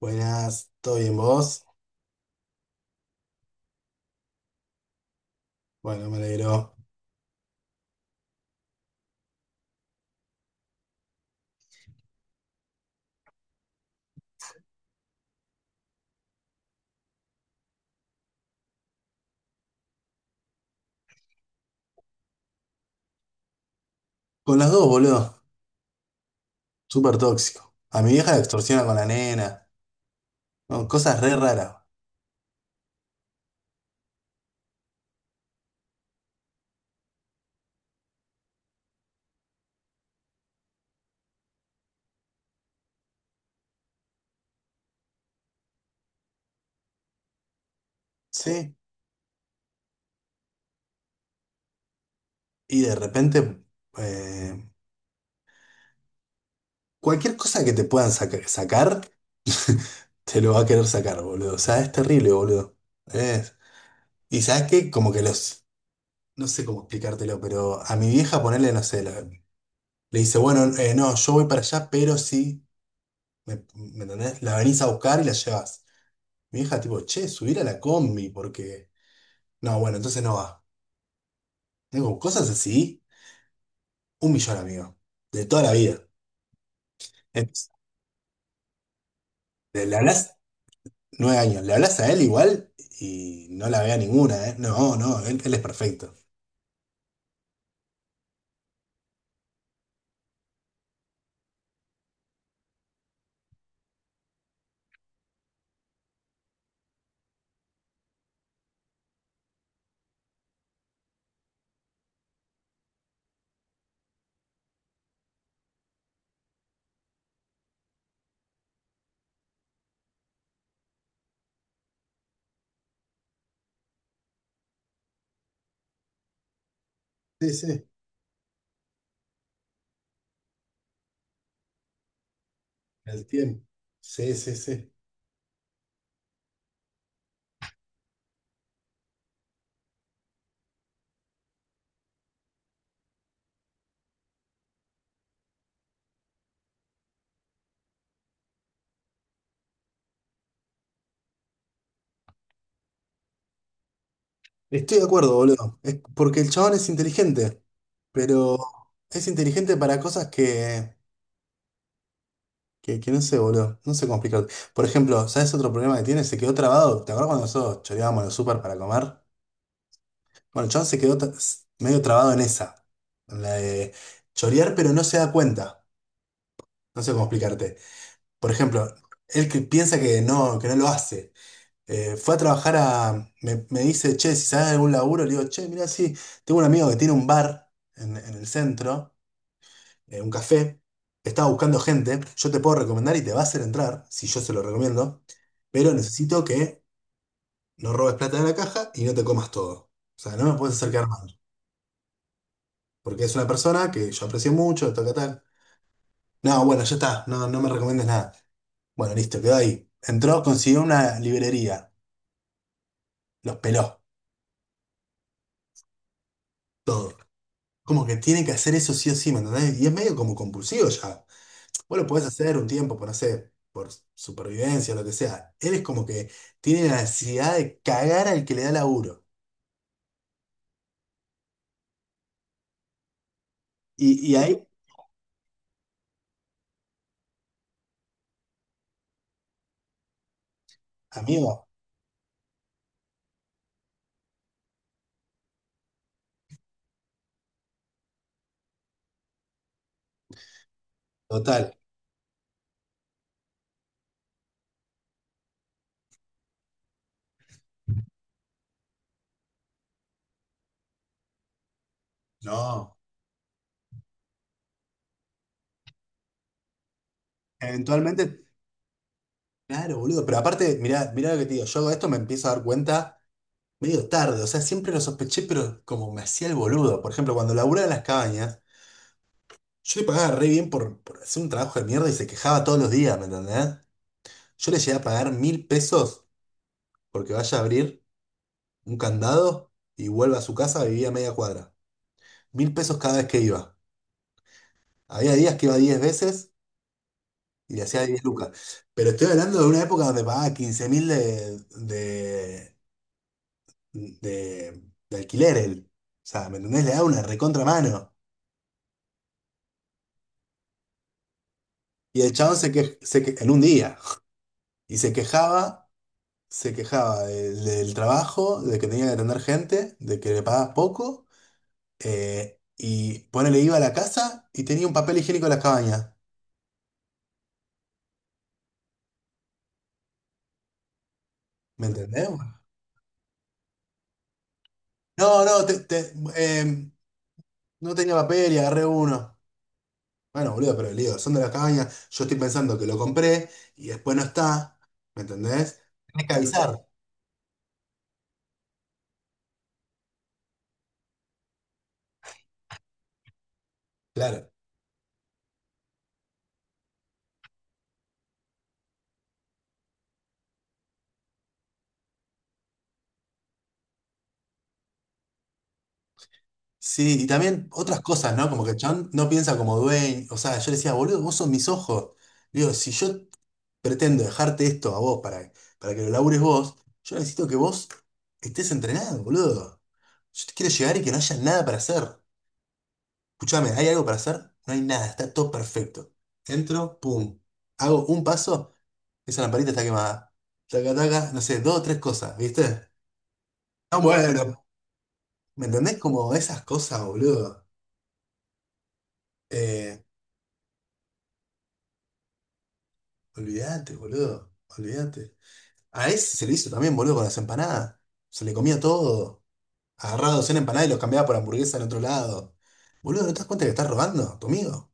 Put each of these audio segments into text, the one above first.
Buenas, ¿todo bien vos? Bueno, me alegro. Con las dos, boludo. Súper tóxico. A mi vieja la extorsiona con la nena. No, cosas re raras. ¿Sí? Y de repente, eh, cualquier cosa que te puedan sacar, te lo va a querer sacar, boludo. O sea, es terrible, boludo. Es- Y sabes qué, como que los. No sé cómo explicártelo, pero a mi vieja ponerle, no sé, le dice, bueno, no, yo voy para allá, pero sí, ¿me entendés? La venís a buscar y la llevas. Mi hija, tipo, che, subir a la combi, porque. No, bueno, entonces no va. Tengo cosas así, un millón, amigo. De toda la vida. Entonces, le hablas 9 años, le hablas a él igual y no la vea ninguna, ¿eh? No, no, él es perfecto. Sí, sí, el tiempo. Sí, sí, sí. Estoy de acuerdo, boludo. Es porque el chabón es inteligente, pero es inteligente para cosas que no sé, boludo. No sé cómo explicar. Por ejemplo, ¿sabes otro problema que tiene? Se quedó trabado. ¿Te acuerdas cuando nosotros choreábamos en el súper para comer? Bueno, el chabón se quedó medio trabado en esa, en la de chorear, pero no se da cuenta. No sé cómo explicarte. Por ejemplo, él que piensa que no lo hace. Fue a trabajar a. Me dice, che, si sabes de algún laburo, le digo, che, mira, sí, tengo un amigo que tiene un bar en el centro, un café, estaba buscando gente, yo te puedo recomendar y te va a hacer entrar, si yo se lo recomiendo, pero necesito que no robes plata de la caja y no te comas todo. O sea, no me puedes acercar mal, porque es una persona que yo aprecio mucho, tal, tal, tal. No, bueno, ya está, no, no me recomiendes nada. Bueno, listo, quedó ahí. Entró, consiguió una librería, los peló, todo. Como que tiene que hacer eso sí o sí, ¿me entendés? Y es medio como compulsivo ya. Vos lo podés hacer un tiempo, por no sé, por supervivencia, lo que sea. Él es como que tiene la necesidad de cagar al que le da laburo. Y ahí, amigo, total, no. Eventualmente, claro, boludo. Pero aparte, mirá, mirá lo que te digo, yo hago esto me empiezo a dar cuenta medio tarde, o sea, siempre lo sospeché, pero como me hacía el boludo. Por ejemplo, cuando laburaba en las cabañas, yo le pagaba re bien por hacer un trabajo de mierda y se quejaba todos los días, ¿me entendés? Yo le llegué a pagar 1000 pesos porque vaya a abrir un candado y vuelva a su casa, vivía a media cuadra. 1000 pesos cada vez que iba. Había días que iba 10 veces y le hacía 10 lucas. Pero estoy hablando de una época donde pagaba 15.000 de, de alquiler él. O sea, ¿me entendés? Le daba una recontra mano. Y el chabón en un día, y se quejaba del trabajo, de que tenía que atender gente, de que le pagaba poco, y ponele, iba a la casa y tenía un papel higiénico en la cabaña. ¿Me entendés? No, no, no tenía papel y agarré uno. Bueno, boludo, pero el lío, son de la cabaña yo estoy pensando que lo compré y después no está. ¿Me entendés? Tenés que avisar. Claro. Sí, y también otras cosas, ¿no? Como que el chabón no piensa como dueño. O sea, yo le decía, boludo, vos sos mis ojos. Digo, si yo pretendo dejarte esto a vos para que lo labures vos, yo necesito que vos estés entrenado, boludo. Yo te quiero llegar y que no haya nada para hacer. Escuchame, ¿hay algo para hacer? No hay nada, está todo perfecto. Entro, pum. Hago un paso, esa lamparita está quemada. Taca, taca, no sé, 2 o 3 cosas, ¿viste? Ah, bueno. ¿Me entendés? Como esas cosas, boludo. Eh, Olvídate, boludo. Olvídate. A ese se le hizo también, boludo, con las empanadas. Se le comía todo. Agarraba docena empanadas y los cambiaba por hamburguesa en otro lado. Boludo, ¿no te das cuenta que estás robando a tu amigo?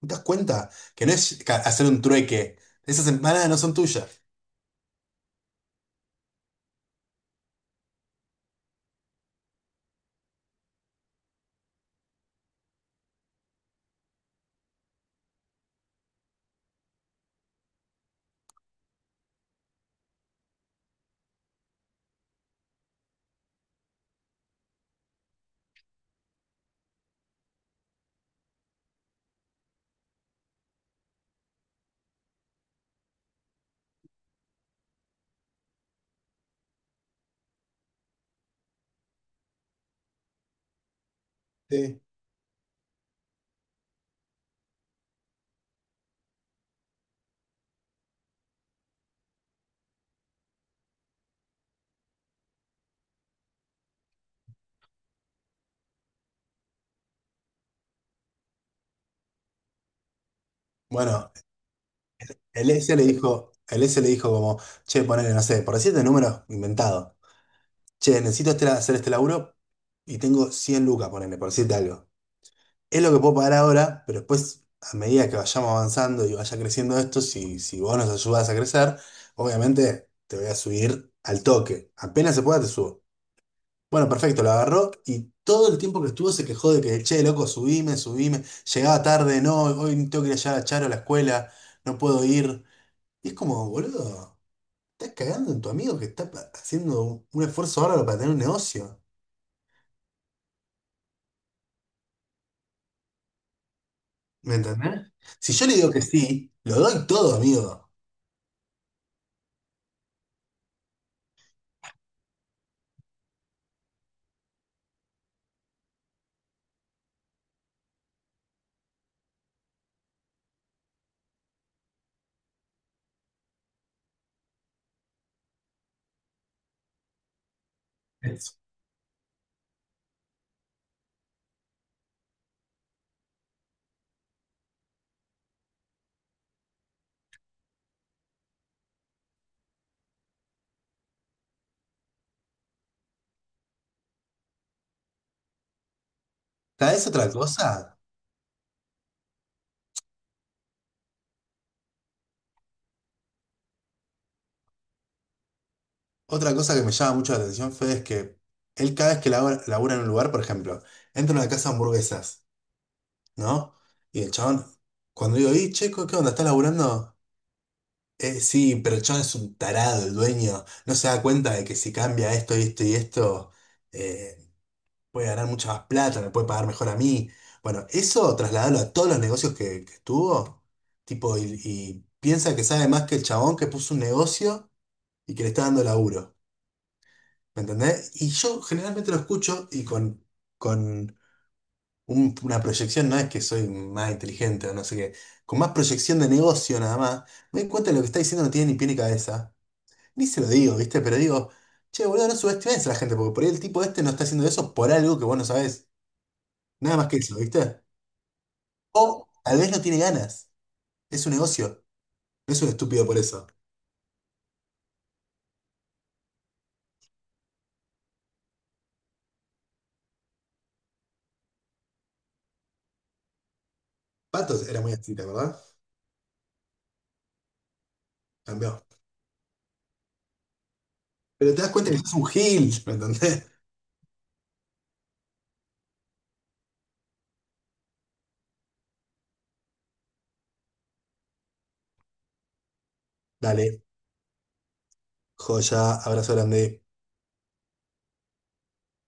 ¿No te das cuenta que no es hacer un trueque? Esas empanadas no son tuyas. Sí. Bueno, el S le dijo como, che, ponele, no sé, por decirte números inventado. Che, necesito hacer este laburo y tengo 100 lucas, ponele, por decirte algo. Es lo que puedo pagar ahora, pero después, a medida que vayamos avanzando y vaya creciendo esto, si vos nos ayudas a crecer, obviamente te voy a subir al toque. Apenas se pueda, te subo. Bueno, perfecto, lo agarró y todo el tiempo que estuvo se quejó de que, che, loco, subime, subime. Llegaba tarde, no, hoy tengo que ir allá a Charo a la escuela, no puedo ir. Y es como, boludo, estás cagando en tu amigo que está haciendo un esfuerzo bárbaro para tener un negocio. ¿Me entendés? Si yo le digo que sí, lo doy todo, amigo. ¿Sabés otra cosa? Otra cosa que me llama mucho la atención, Fede, es que él cada vez que labura, labura en un lugar, por ejemplo, entra a una casa de hamburguesas, ¿no? Y el chabón, cuando digo, y checo, ¿qué onda? ¿Estás laburando? " sí, pero el chabón es un tarado, el dueño. No se da cuenta de que si cambia esto y esto y esto, eh, puede ganar mucha más plata, me puede pagar mejor a mí. Bueno, eso trasladarlo a todos los negocios que estuvo, tipo, y piensa que sabe más que el chabón que puso un negocio y que le está dando laburo. ¿Me entendés? Y yo generalmente lo escucho y con una proyección, no es que soy más inteligente o no sé qué, con más proyección de negocio nada más, me doy cuenta de lo que está diciendo no tiene ni pie ni cabeza. Ni se lo digo, ¿viste? Pero digo, che, boludo, no subestimes a la gente, porque por ahí el tipo este no está haciendo eso por algo que vos no sabés. Nada más que eso, ¿viste? O tal vez no tiene ganas. Es un negocio. No es un estúpido por eso. Patos era muy así, ¿te acordás? Cambió. Pero te das cuenta que es un gil, ¿me entendés? Dale, joya, abrazo grande.